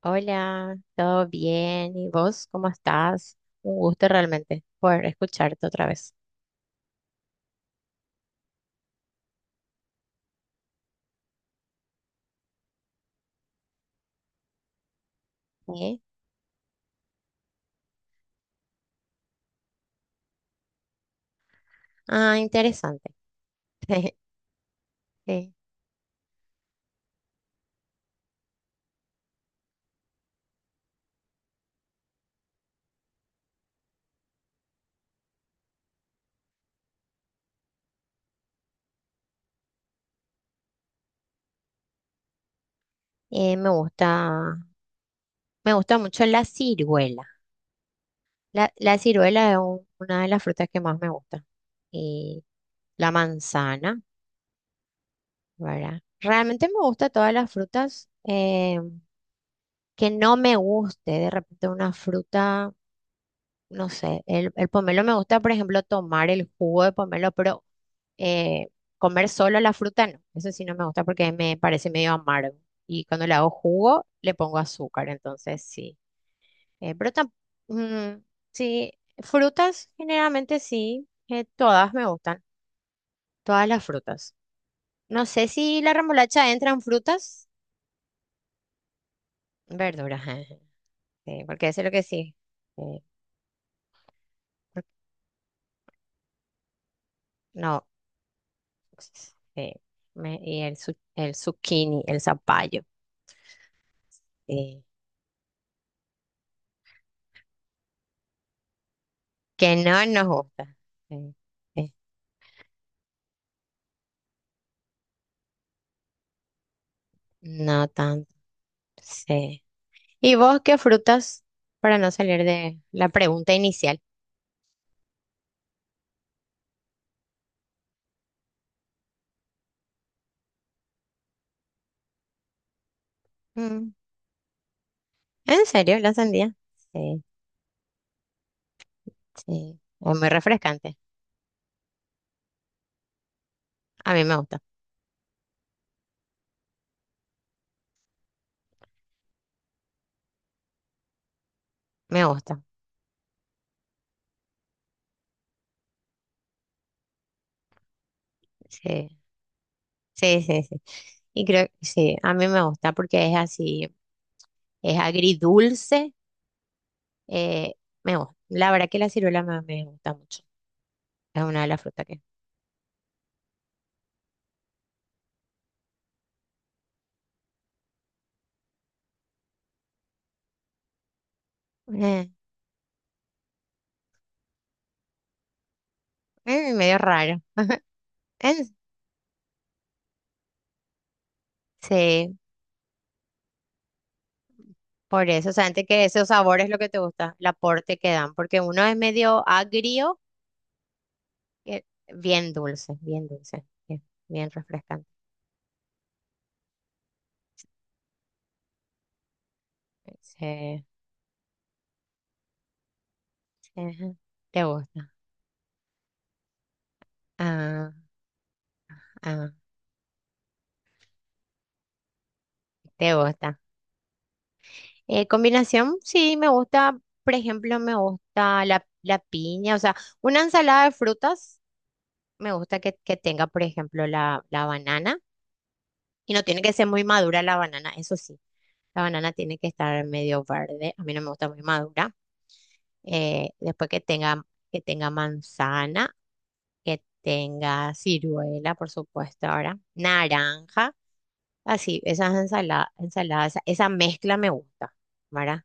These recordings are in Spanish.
Hola, ¿todo bien? ¿Y vos cómo estás? Un gusto realmente poder escucharte otra vez. ¿Eh? Ah, interesante. Sí. Eh, me gusta, me gusta mucho la ciruela. La ciruela es una de las frutas que más me gusta. Y la manzana, ¿verdad? Realmente me gusta todas las frutas. Que no me guste de repente una fruta. No sé, el pomelo me gusta, por ejemplo, tomar el jugo de pomelo, pero eh, comer solo la fruta no. Eso sí no me gusta porque me parece medio amargo. Y cuando le hago jugo, le pongo azúcar, entonces sí. Eh, pero tam- mm, sí, frutas generalmente sí, todas me gustan, todas las frutas. No sé si la remolacha entra en frutas, verduras. Sí, porque eso es lo que sí. eh, por- no. eh, y el zucchini, el zapallo, eh, que no nos gusta. eh, eh, no tanto, sí. ¿Y vos qué frutas? Para no salir de la pregunta inicial. Mm, ¿En serio? ¿La sandía? Sí, sí. Es muy refrescante. A mí me gusta, me gusta. Sí, sí, sí, sí. Y creo que sí, a mí me gusta porque es así, es agridulce. eh, Me gusta. La verdad que la ciruela me gusta mucho. Es una de las frutas que. Eh, Medio raro. Es- Sí, por eso. O sea, antes que esos sabores es lo que te gusta, el aporte que dan, porque uno es medio agrio, que- bien dulce, bien dulce, bien, bien refrescante. Sí, sí, ajá. Te gusta. Ah, ah, te gusta. Combinación, sí, me gusta, por ejemplo, me gusta la piña, o sea, una ensalada de frutas, me gusta que tenga, por ejemplo, la banana. Y no tiene que ser muy madura la banana, eso sí. La banana tiene que estar medio verde, a mí no me gusta muy madura. Después que tenga manzana, que tenga ciruela, por supuesto, ahora, naranja, así, ensaladas, esa mezcla me gusta, ¿verdad?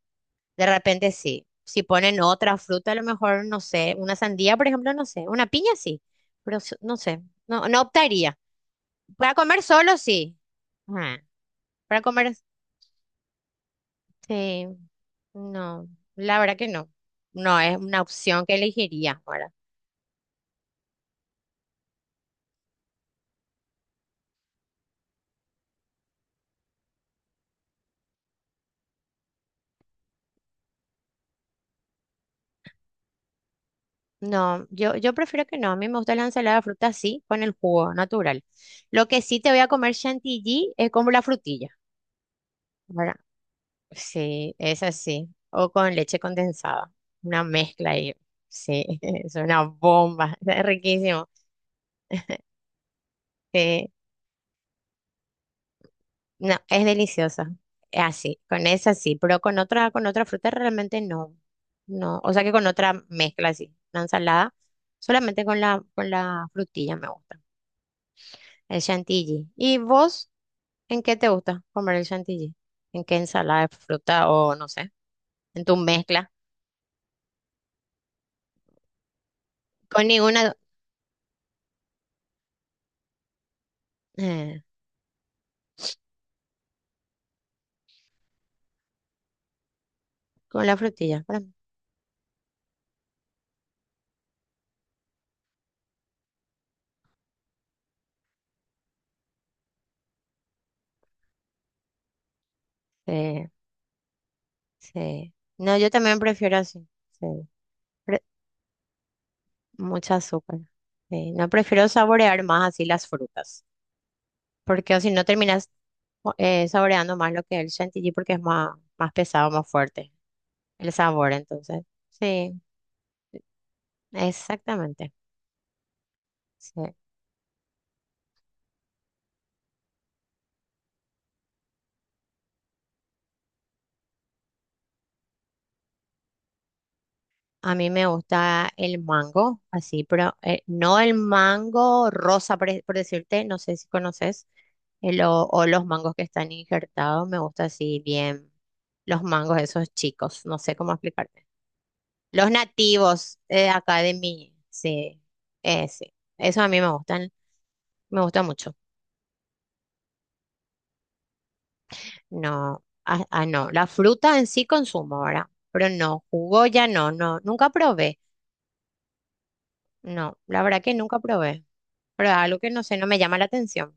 De repente sí, si ponen otra fruta, a lo mejor, no sé, una sandía, por ejemplo, no sé, una piña sí, pero no sé, no, no optaría. Para comer solo sí. Ajá. Para comer, sí. No, la verdad que no. No es una opción que elegiría ahora. No, yo prefiero que no. A mí me gusta la ensalada de fruta así, con el jugo natural. Lo que sí te voy a comer chantilly es como la frutilla, ¿verdad? Sí, es así. O con leche condensada. Una mezcla ahí. Sí, es una bomba. Es riquísimo. Sí. No, es deliciosa. Es así, con esa sí, pero con otra, fruta realmente no. No, o sea que con otra mezcla así, una ensalada, solamente con la frutilla me gusta. El chantilly. ¿Y vos en qué te gusta comer el chantilly? ¿En qué ensalada de fruta o no sé? ¿En tu mezcla? Con ninguna, eh, con la frutilla, para mí. Sí, sí. No, yo también prefiero así. Sí. Pre- Mucha azúcar. Sí, no prefiero saborear más así las frutas. Porque o si no terminas saboreando más lo que es el chantilly porque es más pesado, más fuerte el sabor, entonces. Sí, exactamente. Sí. A mí me gusta el mango, así, pero no el mango rosa, por decirte, no sé si conoces, o los mangos que están injertados, me gusta así bien, los mangos esos chicos, no sé cómo explicarte. Los nativos acá de mí, sí, sí, eso a mí me gustan. Me gusta mucho. No, ah, ah, no. La fruta en sí consumo ahora, pero no, jugo ya no, no, nunca probé. No, la verdad que nunca probé. Pero es algo que no sé, no me llama la atención.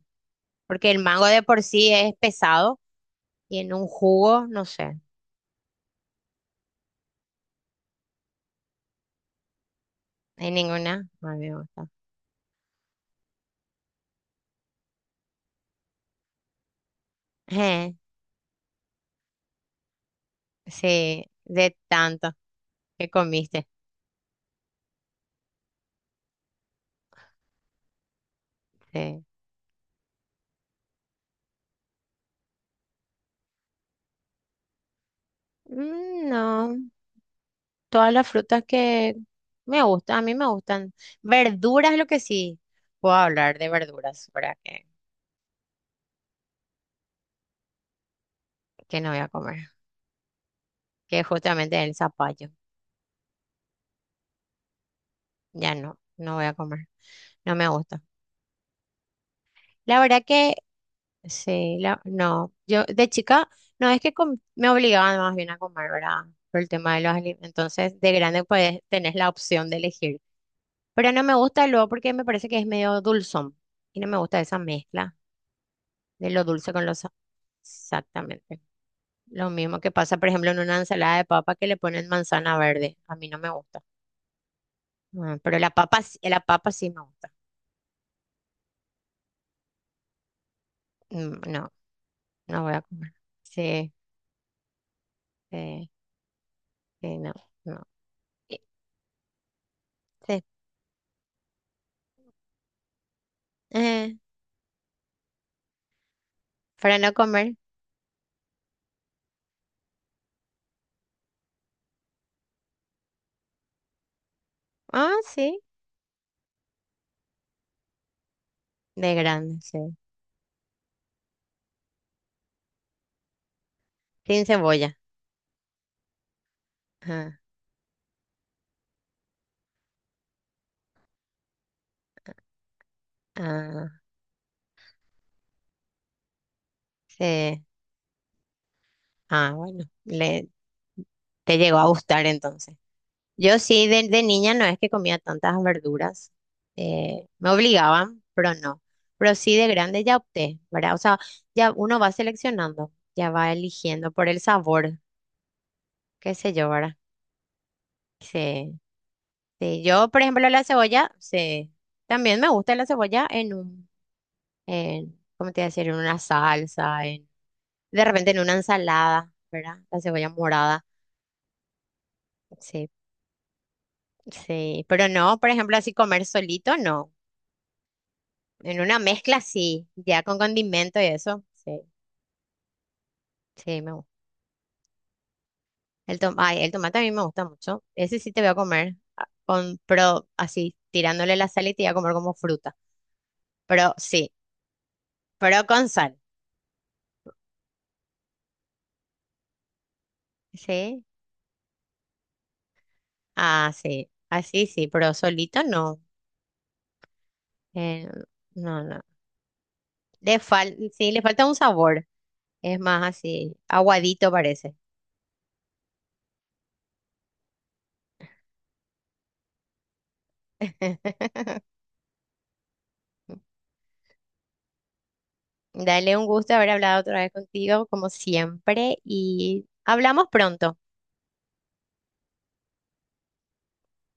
Porque el mango de por sí es pesado y en un jugo, no sé, hay ninguna. A mí me gusta. Eh, sí, de tanto que comiste. Sí. No, todas las frutas que me gustan, a mí me gustan. Verduras, lo que sí, puedo hablar de verduras, ¿verdad? Que no voy a comer, que es justamente el zapallo. Ya no, no voy a comer, no me gusta. La verdad que sí, no, yo de chica no es que me obligaban más bien a comer, ¿verdad? Por el tema de los alimentos. Entonces, de grande pues tenés la opción de elegir. Pero no me gusta luego porque me parece que es medio dulzón y no me gusta esa mezcla de lo dulce con lo exactamente. Lo mismo que pasa, por ejemplo, en una ensalada de papa que le ponen manzana verde. A mí no me gusta. Pero la papa, sí me gusta. Mm. No. No voy a comer. Sí, sí, sí, no, no. Y- Sí. Eh, para no comer. Ah, sí. De grande, sí. Sin cebolla. Ah, ah, sí. Ah, bueno. Te llegó a gustar entonces. Yo sí, de, niña no es que comía tantas verduras. Me obligaban, pero no. Pero sí, de grande ya opté, ¿verdad? O sea, ya uno va seleccionando, ya va eligiendo por el sabor, qué sé yo, ¿verdad? Sí. Sí, yo, por ejemplo, la cebolla, sí. También me gusta la cebolla en un, ¿cómo te iba a decir? En una salsa, de repente en una ensalada, ¿verdad? La cebolla morada. Sí, sí. Pero no, por ejemplo, así comer solito, no. En una mezcla, sí. Ya con condimento y eso, sí. Sí, me gusta. Ay, el tomate a mí me gusta mucho. Ese sí te voy a comer pero así, tirándole la sal y te voy a comer como fruta. Pero sí, pero con sal. Sí. Ah, sí, así sí, sí, pero solito no. Eh, no, no. Le fal Sí, le falta un sabor. Es más así, aguadito parece. Dale, un gusto haber hablado otra vez contigo, como siempre, y hablamos pronto.